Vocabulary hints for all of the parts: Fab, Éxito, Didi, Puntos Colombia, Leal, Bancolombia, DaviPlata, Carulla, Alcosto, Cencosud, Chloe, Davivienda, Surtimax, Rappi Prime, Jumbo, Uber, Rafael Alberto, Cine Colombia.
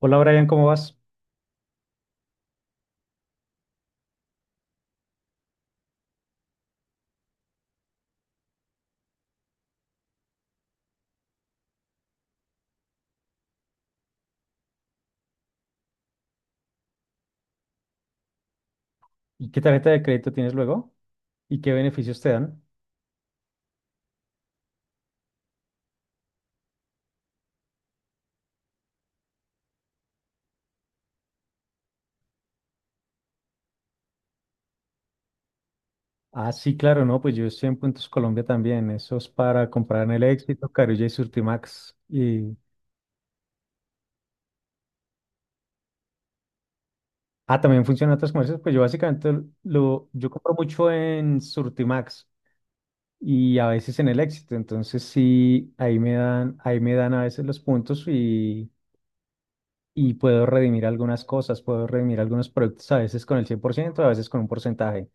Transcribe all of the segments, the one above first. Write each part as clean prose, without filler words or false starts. Hola Brian, ¿cómo vas? ¿Y qué tarjeta de crédito tienes luego? ¿Y qué beneficios te dan? Ah, sí, claro, no, pues yo estoy en Puntos Colombia también. Eso es para comprar en el Éxito, Carulla y Surtimax. Y. Ah, también funcionan otros comercios. Pues yo básicamente yo compro mucho en Surtimax y a veces en el Éxito. Entonces sí, ahí me dan a veces los puntos y puedo redimir algunas cosas, puedo redimir algunos productos a veces con el 100%, a veces con un porcentaje.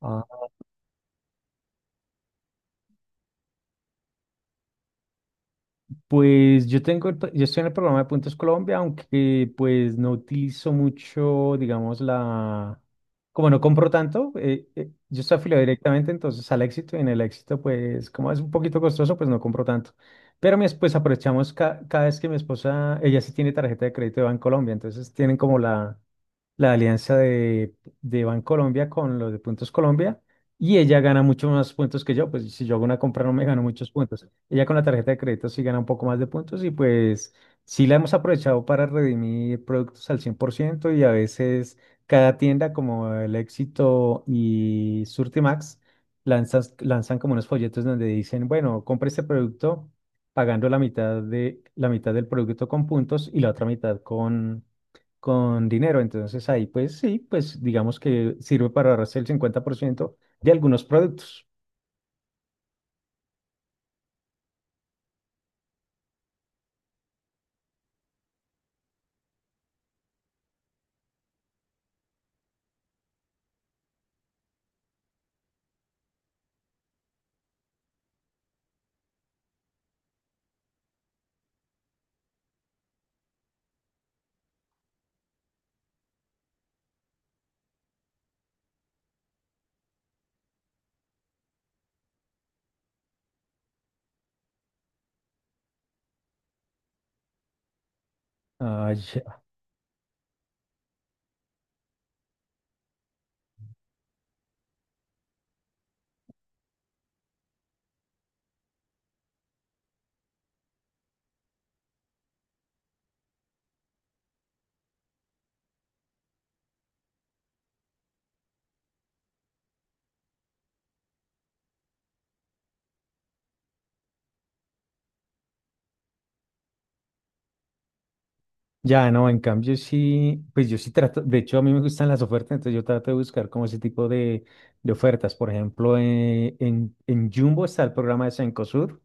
Ah, pues yo tengo, yo estoy en el programa de Puntos Colombia, aunque pues no utilizo mucho, digamos, como no compro tanto, yo estoy afiliado directamente entonces al Éxito y en el Éxito pues como es un poquito costoso pues no compro tanto. Pero mi esposa, aprovechamos cada vez que mi esposa, ella sí tiene tarjeta de crédito de Bancolombia, entonces tienen como la alianza de Bancolombia con los de Puntos Colombia. Y ella gana mucho más puntos que yo, pues si yo hago una compra no me gano muchos puntos. Ella con la tarjeta de crédito sí gana un poco más de puntos y pues sí la hemos aprovechado para redimir productos al 100% y a veces cada tienda como El Éxito y Surtimax lanzas lanzan como unos folletos donde dicen, bueno, compre este producto pagando la mitad del producto con puntos y la otra mitad con dinero. Entonces ahí pues sí, pues digamos que sirve para ahorrarse el 50% de algunos productos. Ah, ya, ya, no, en cambio sí, pues yo sí trato, de hecho a mí me gustan las ofertas, entonces yo trato de buscar como ese tipo de ofertas. Por ejemplo, en Jumbo está el programa de Cencosud.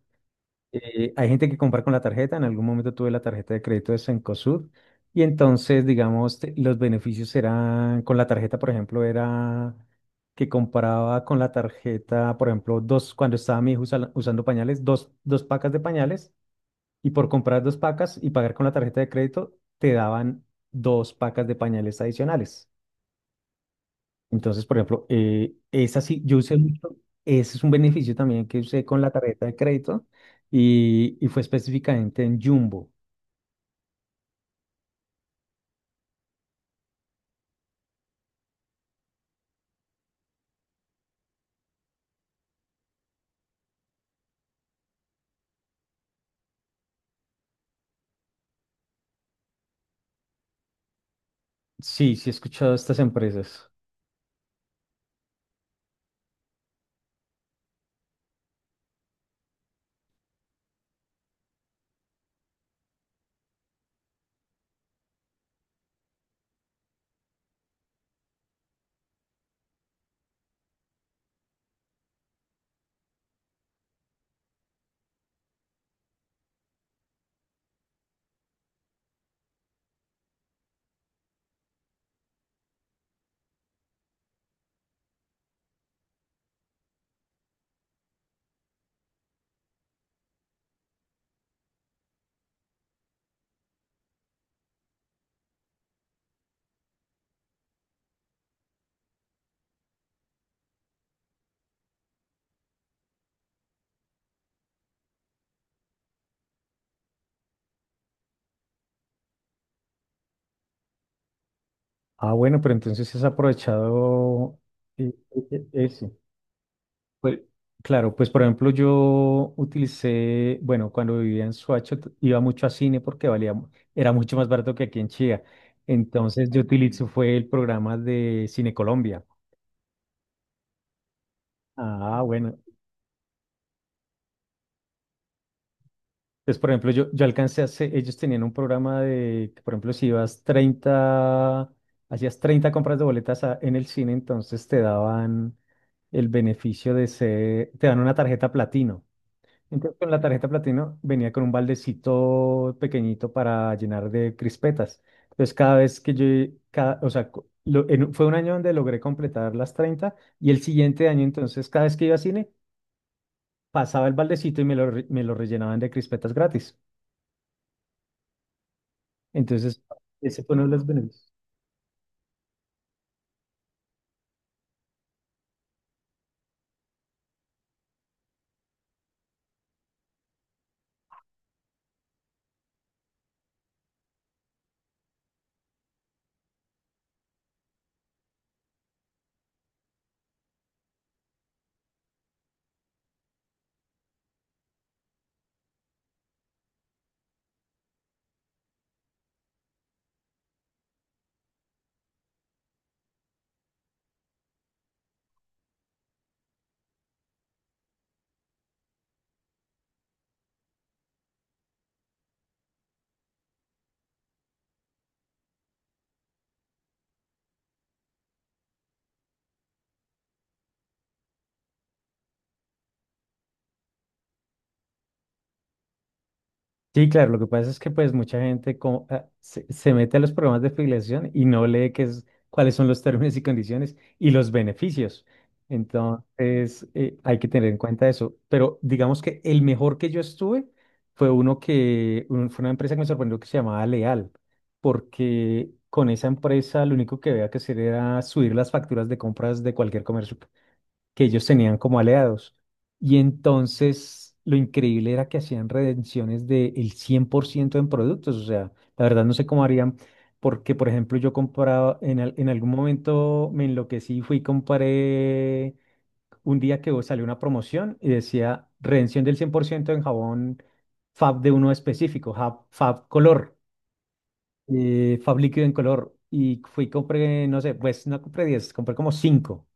Hay gente que compra con la tarjeta, en algún momento tuve la tarjeta de crédito de Cencosud y entonces, digamos, los beneficios eran, con la tarjeta, por ejemplo, era que compraba con la tarjeta, por ejemplo, dos, cuando estaba mi hijo usando pañales, dos pacas de pañales. Y por comprar dos pacas y pagar con la tarjeta de crédito, te daban dos pacas de pañales adicionales. Entonces, por ejemplo, esa sí, yo usé mucho, ese es un beneficio también que usé con la tarjeta de crédito y fue específicamente en Jumbo. Sí, sí he escuchado de estas empresas. Ah, bueno, pero entonces sí has aprovechado ese. Pues, claro, pues por ejemplo yo utilicé, bueno, cuando vivía en Suacho iba mucho a cine porque valía, era mucho más barato que aquí en Chía. Entonces yo utilicé fue el programa de Cine Colombia. Ah, bueno. Entonces, por ejemplo, yo alcancé a hacer, ellos tenían un programa que, por ejemplo, si ibas 30 hacías 30 compras de boletas en el cine, entonces te daban el beneficio de ser, te dan una tarjeta platino. Entonces, con la tarjeta platino venía con un baldecito pequeñito para llenar de crispetas. Entonces, cada vez que yo, o sea, fue un año donde logré completar las 30 y el siguiente año, entonces, cada vez que iba a cine, pasaba el baldecito y me lo, me lo rellenaban de crispetas gratis. Entonces, ese fue uno de los beneficios. Sí, claro, lo que pasa es que pues mucha gente como, se mete a los programas de afiliación y no lee qué es, cuáles son los términos y condiciones y los beneficios. Entonces, hay que tener en cuenta eso. Pero digamos que el mejor que yo estuve fue uno que, fue una empresa que me sorprendió que se llamaba Leal, porque con esa empresa lo único que había que hacer era subir las facturas de compras de cualquier comercio que ellos tenían como aliados. Y entonces lo increíble era que hacían redenciones del 100% en productos. O sea, la verdad no sé cómo harían, porque por ejemplo yo compraba, en algún momento me enloquecí y fui y compré un día que salió una promoción y decía redención del 100% en jabón Fab de uno específico, Fab color, Fab líquido en color. Y fui y compré, no sé, pues no compré 10 compré como 5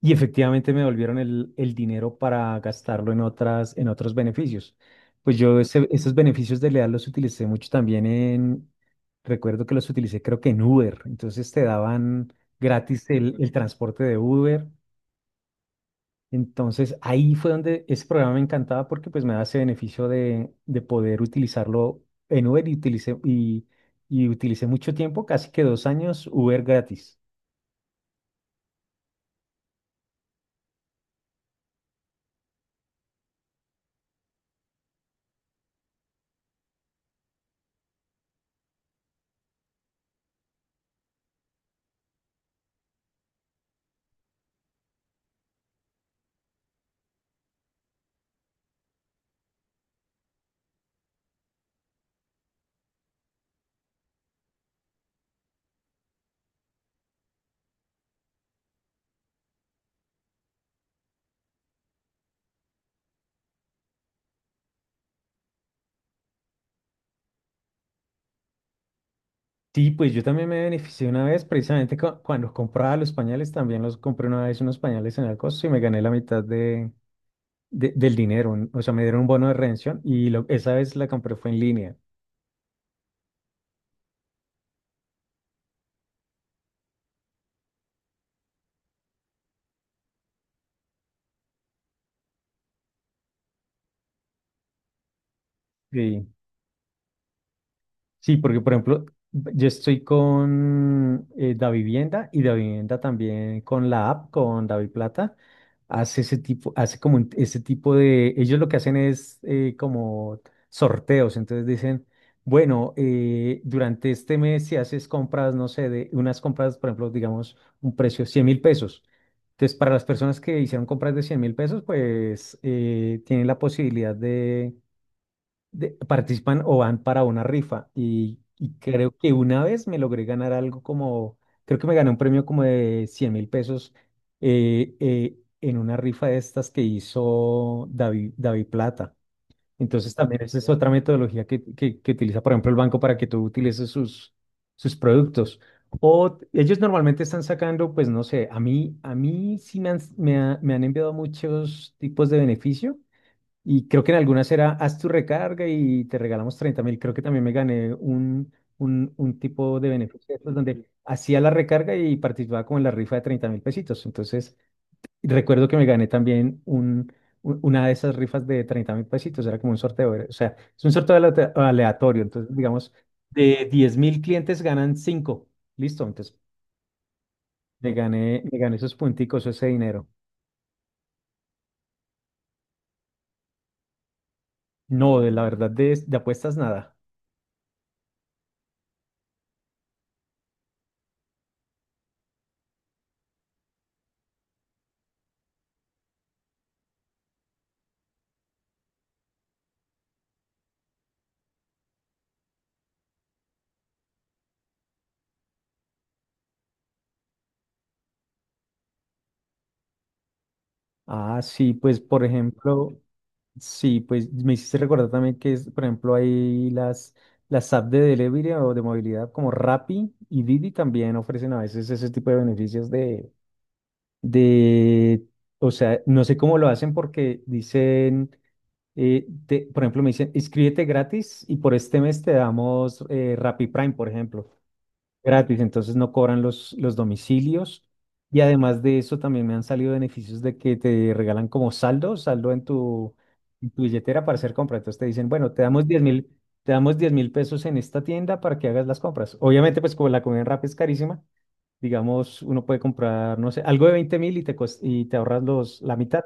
y efectivamente me devolvieron el dinero para gastarlo en otras, en otros beneficios. Pues yo esos beneficios de Leal los utilicé mucho también recuerdo que los utilicé creo que en Uber. Entonces te daban gratis el transporte de Uber. Entonces ahí fue donde ese programa me encantaba porque pues me da ese beneficio de poder utilizarlo en Uber y utilicé mucho tiempo, casi que 2 años, Uber gratis. Sí, pues yo también me beneficié una vez, precisamente cuando compraba los pañales, también los compré una vez unos pañales en Alcosto y me gané la mitad del dinero, o sea, me dieron un bono de redención y esa vez la compré fue en línea. Sí. Sí, porque por ejemplo, yo estoy con Davivienda y Davivienda también con la app, con DaviPlata, hace ese tipo, hace como ese tipo ellos lo que hacen es como sorteos, entonces dicen, bueno, durante este mes si haces compras, no sé, de unas compras, por ejemplo, digamos, un precio $100.000. Entonces, para las personas que hicieron compras de $100.000, pues tienen la posibilidad participan o van para una rifa y creo que una vez me logré ganar algo como, creo que me gané un premio como de $100.000 en una rifa de estas que hizo David Plata. Entonces también esa es otra metodología que utiliza, por ejemplo, el banco para que tú utilices sus productos. O ellos normalmente están sacando, pues no sé, a mí sí me han enviado muchos tipos de beneficio y creo que en algunas era, haz tu recarga y te regalamos 30.000. Creo que también me gané un tipo de beneficio de esos donde hacía la recarga y participaba como en la rifa de 30.000 pesitos. Entonces, recuerdo que me gané también una de esas rifas de 30.000 pesitos. Era como un sorteo. O sea, es un sorteo aleatorio. Entonces, digamos, de 10.000 clientes ganan cinco. Listo. Entonces, me gané esos punticos, ese dinero. No, de la verdad, de apuestas nada. Ah, sí, pues por ejemplo. Sí, pues me hiciste recordar también es, por ejemplo, hay las apps de delivery o de movilidad como Rappi y Didi también ofrecen a veces ese tipo de beneficios de, o sea, no sé cómo lo hacen porque dicen, por ejemplo, me dicen, inscríbete gratis y por este mes te damos Rappi Prime, por ejemplo. Gratis, entonces no cobran los domicilios. Y además de eso, también me han salido beneficios de que te regalan como saldo en tu billetera para hacer compras. Entonces te dicen, bueno, te damos 10.000, te damos $10.000 en esta tienda para que hagas las compras. Obviamente, pues como la comida en Rappi es carísima, digamos, uno puede comprar, no sé, algo de 20.000 y y te ahorras la mitad,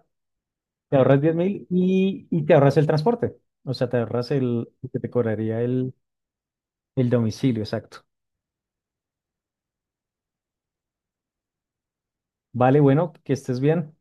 te ahorras 10.000 y te ahorras el transporte. O sea, te ahorras lo que te cobraría el domicilio, exacto. Vale, bueno, que estés bien.